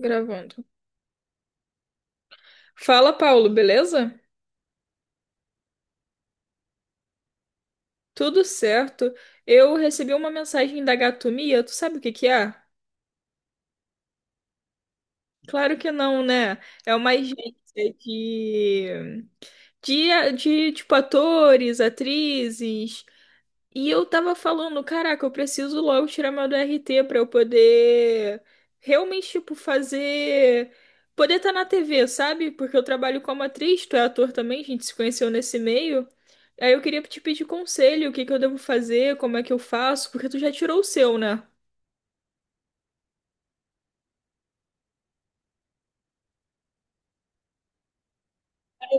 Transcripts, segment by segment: Gravando. Fala, Paulo, beleza? Tudo certo. Eu recebi uma mensagem da Gatomia. Tu sabe o que que é? Claro que não, né? É uma agência de, tipo, atores, atrizes. E eu tava falando, caraca, eu preciso logo tirar meu DRT pra eu poder realmente, tipo, fazer. Poder estar na TV, sabe? Porque eu trabalho como atriz, tu é ator também, a gente se conheceu nesse meio. Aí eu queria te pedir conselho, o que que eu devo fazer, como é que eu faço, porque tu já tirou o seu, né?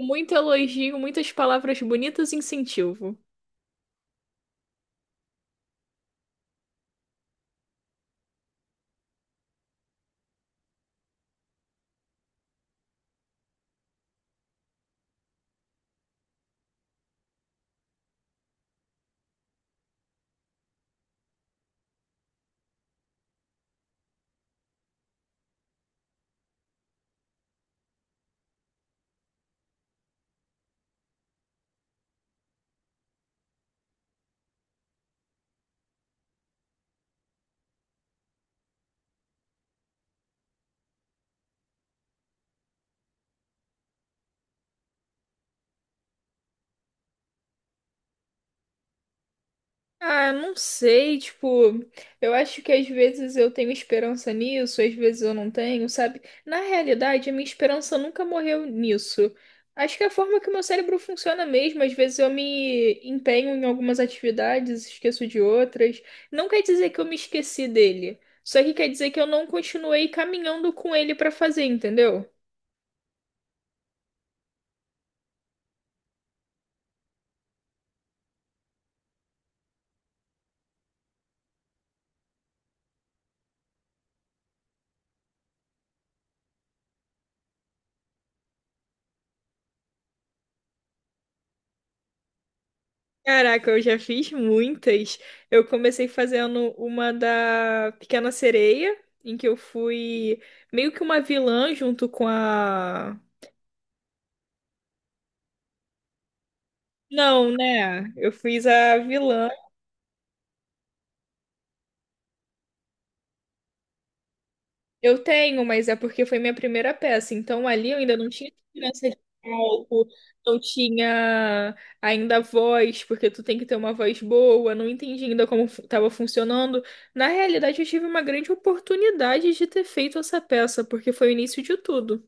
Muito elogio, muitas palavras bonitas e incentivo. Ah, eu não sei, tipo, eu acho que às vezes eu tenho esperança nisso, às vezes eu não tenho, sabe? Na realidade, a minha esperança nunca morreu nisso. Acho que é a forma que o meu cérebro funciona mesmo, às vezes eu me empenho em algumas atividades, esqueço de outras. Não quer dizer que eu me esqueci dele, só que quer dizer que eu não continuei caminhando com ele pra fazer, entendeu? Caraca, eu já fiz muitas. Eu comecei fazendo uma da Pequena Sereia, em que eu fui meio que uma vilã junto com a. Não, né? Eu fiz a vilã. Eu tenho, mas é porque foi minha primeira peça. Então ali eu ainda não tinha segurança de palco, não tinha ainda voz, porque tu tem que ter uma voz boa. Não entendi ainda como estava funcionando. Na realidade, eu tive uma grande oportunidade de ter feito essa peça, porque foi o início de tudo.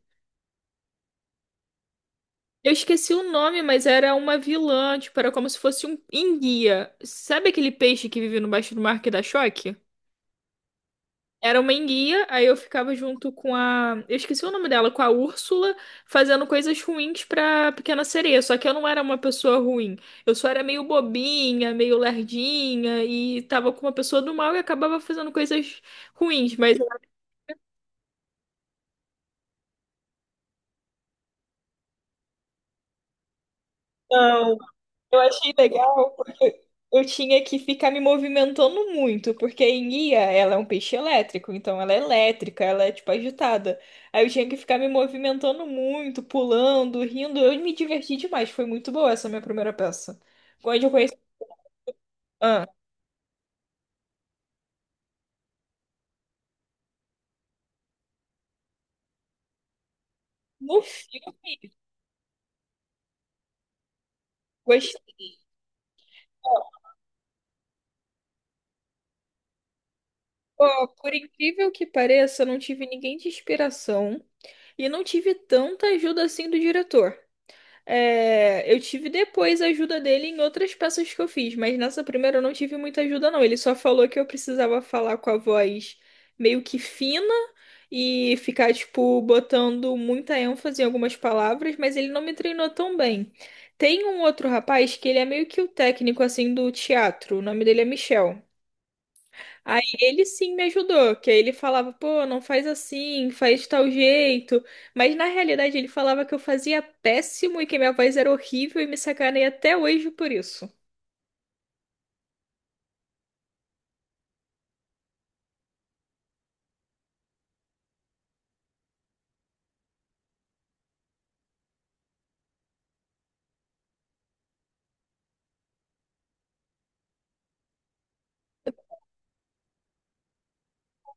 Eu esqueci o nome, mas era uma vilã, tipo, era como se fosse um enguia. Sabe aquele peixe que vive no baixo do mar que dá choque? Era uma enguia, aí eu ficava junto com a. Eu esqueci o nome dela, com a Úrsula, fazendo coisas ruins pra Pequena Sereia. Só que eu não era uma pessoa ruim. Eu só era meio bobinha, meio lerdinha, e tava com uma pessoa do mal e acabava fazendo coisas ruins. Mas ela eu achei legal porque eu tinha que ficar me movimentando muito, porque a enguia, ela é um peixe elétrico, então ela é elétrica, ela é tipo agitada. Aí eu tinha que ficar me movimentando muito, pulando, rindo. Eu me diverti demais, foi muito boa essa minha primeira peça. Quando eu conheci. Ah, no filme, gostei. Ó, por incrível que pareça, eu não tive ninguém de inspiração e não tive tanta ajuda assim do diretor. É, eu tive depois a ajuda dele em outras peças que eu fiz, mas nessa primeira eu não tive muita ajuda, não. Ele só falou que eu precisava falar com a voz meio que fina e ficar, tipo, botando muita ênfase em algumas palavras, mas ele não me treinou tão bem. Tem um outro rapaz que ele é meio que o técnico, assim, do teatro. O nome dele é Michel. Aí ele sim me ajudou, que aí ele falava, pô, não faz assim, faz de tal jeito. Mas na realidade ele falava que eu fazia péssimo e que minha voz era horrível e me sacaneia até hoje por isso.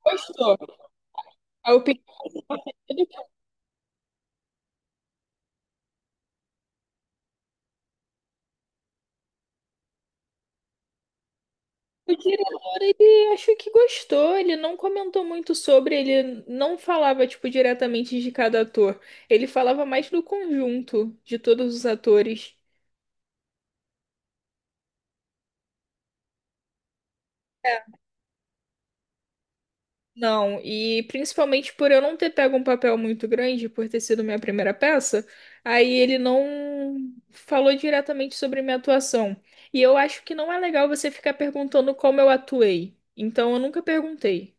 Gostou. Aí eu pedi pro diretor, ele achou que gostou, ele não comentou muito sobre, ele não falava, tipo, diretamente de cada ator. Ele falava mais do conjunto de todos os atores. Não, e principalmente por eu não ter pego um papel muito grande, por ter sido minha primeira peça, aí ele não falou diretamente sobre minha atuação. E eu acho que não é legal você ficar perguntando como eu atuei. Então eu nunca perguntei.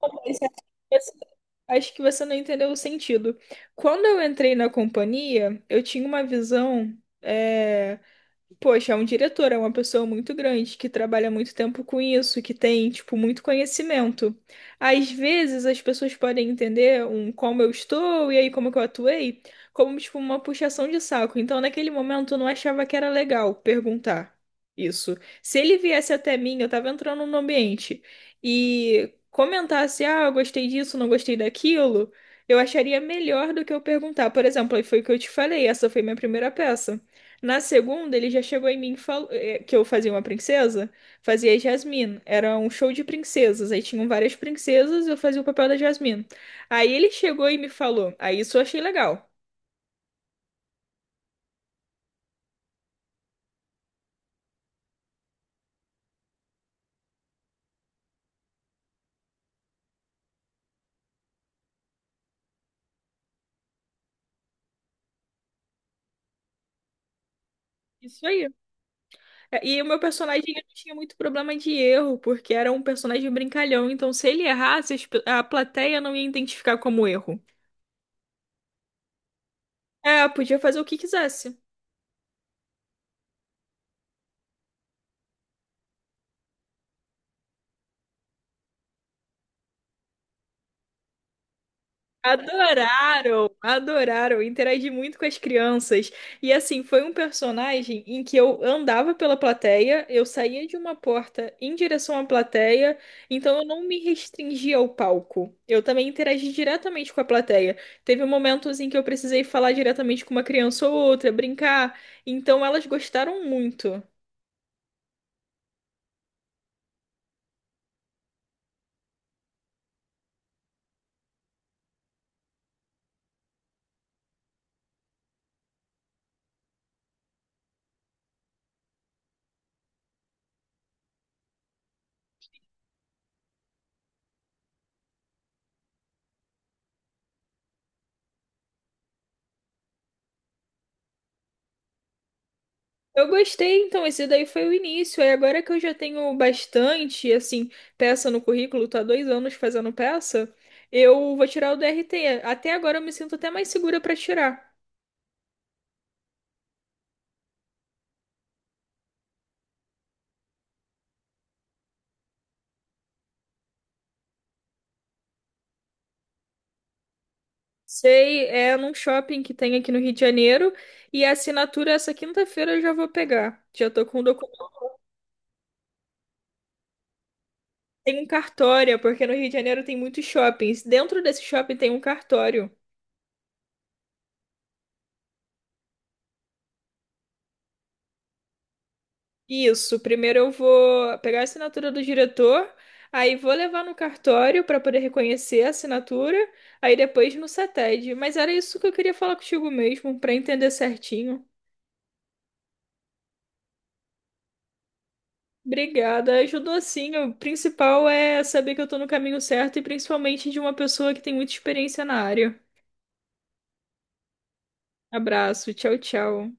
Mas você acho que você não entendeu o sentido. Quando eu entrei na companhia, eu tinha uma visão. eh, Poxa, é um diretor, é uma pessoa muito grande que trabalha muito tempo com isso, que tem, tipo, muito conhecimento. Às vezes as pessoas podem entender um como eu estou e aí como que eu atuei, como tipo uma puxação de saco. Então, naquele momento eu não achava que era legal perguntar isso. Se ele viesse até mim, eu tava entrando no ambiente e comentasse, ah, eu gostei disso, não gostei daquilo, eu acharia melhor do que eu perguntar. Por exemplo, aí foi o que eu te falei, essa foi minha primeira peça. Na segunda, ele já chegou em mim e falou que eu fazia uma princesa, fazia a Jasmine. Era um show de princesas, aí tinham várias princesas, eu fazia o papel da Jasmine. Aí ele chegou e me falou, aí isso eu achei legal. Isso aí. É, E o meu personagem ele não tinha muito problema de erro, porque era um personagem brincalhão, então se ele errasse, a plateia não ia identificar como erro. É, podia fazer o que quisesse. Adoraram, adoraram, interagi muito com as crianças. E assim, foi um personagem em que eu andava pela plateia, eu saía de uma porta em direção à plateia, então eu não me restringia ao palco. Eu também interagi diretamente com a plateia. Teve momentos em que eu precisei falar diretamente com uma criança ou outra, brincar, então elas gostaram muito. Eu gostei, então, esse daí foi o início. Aí agora que eu já tenho bastante, assim, peça no currículo, tô há 2 anos fazendo peça, eu vou tirar o DRT. Até agora eu me sinto até mais segura para tirar. Sei, é num shopping que tem aqui no Rio de Janeiro, e a assinatura essa quinta-feira eu já vou pegar. Já tô com o documento. Tem um cartório, porque no Rio de Janeiro tem muitos shoppings. Dentro desse shopping tem um cartório. Isso, primeiro eu vou pegar a assinatura do diretor, aí vou levar no cartório para poder reconhecer a assinatura, aí depois no CETED. Mas era isso que eu queria falar contigo mesmo, para entender certinho. Obrigada, ajudou sim. O principal é saber que eu tô no caminho certo e principalmente de uma pessoa que tem muita experiência na área. Abraço, tchau, tchau.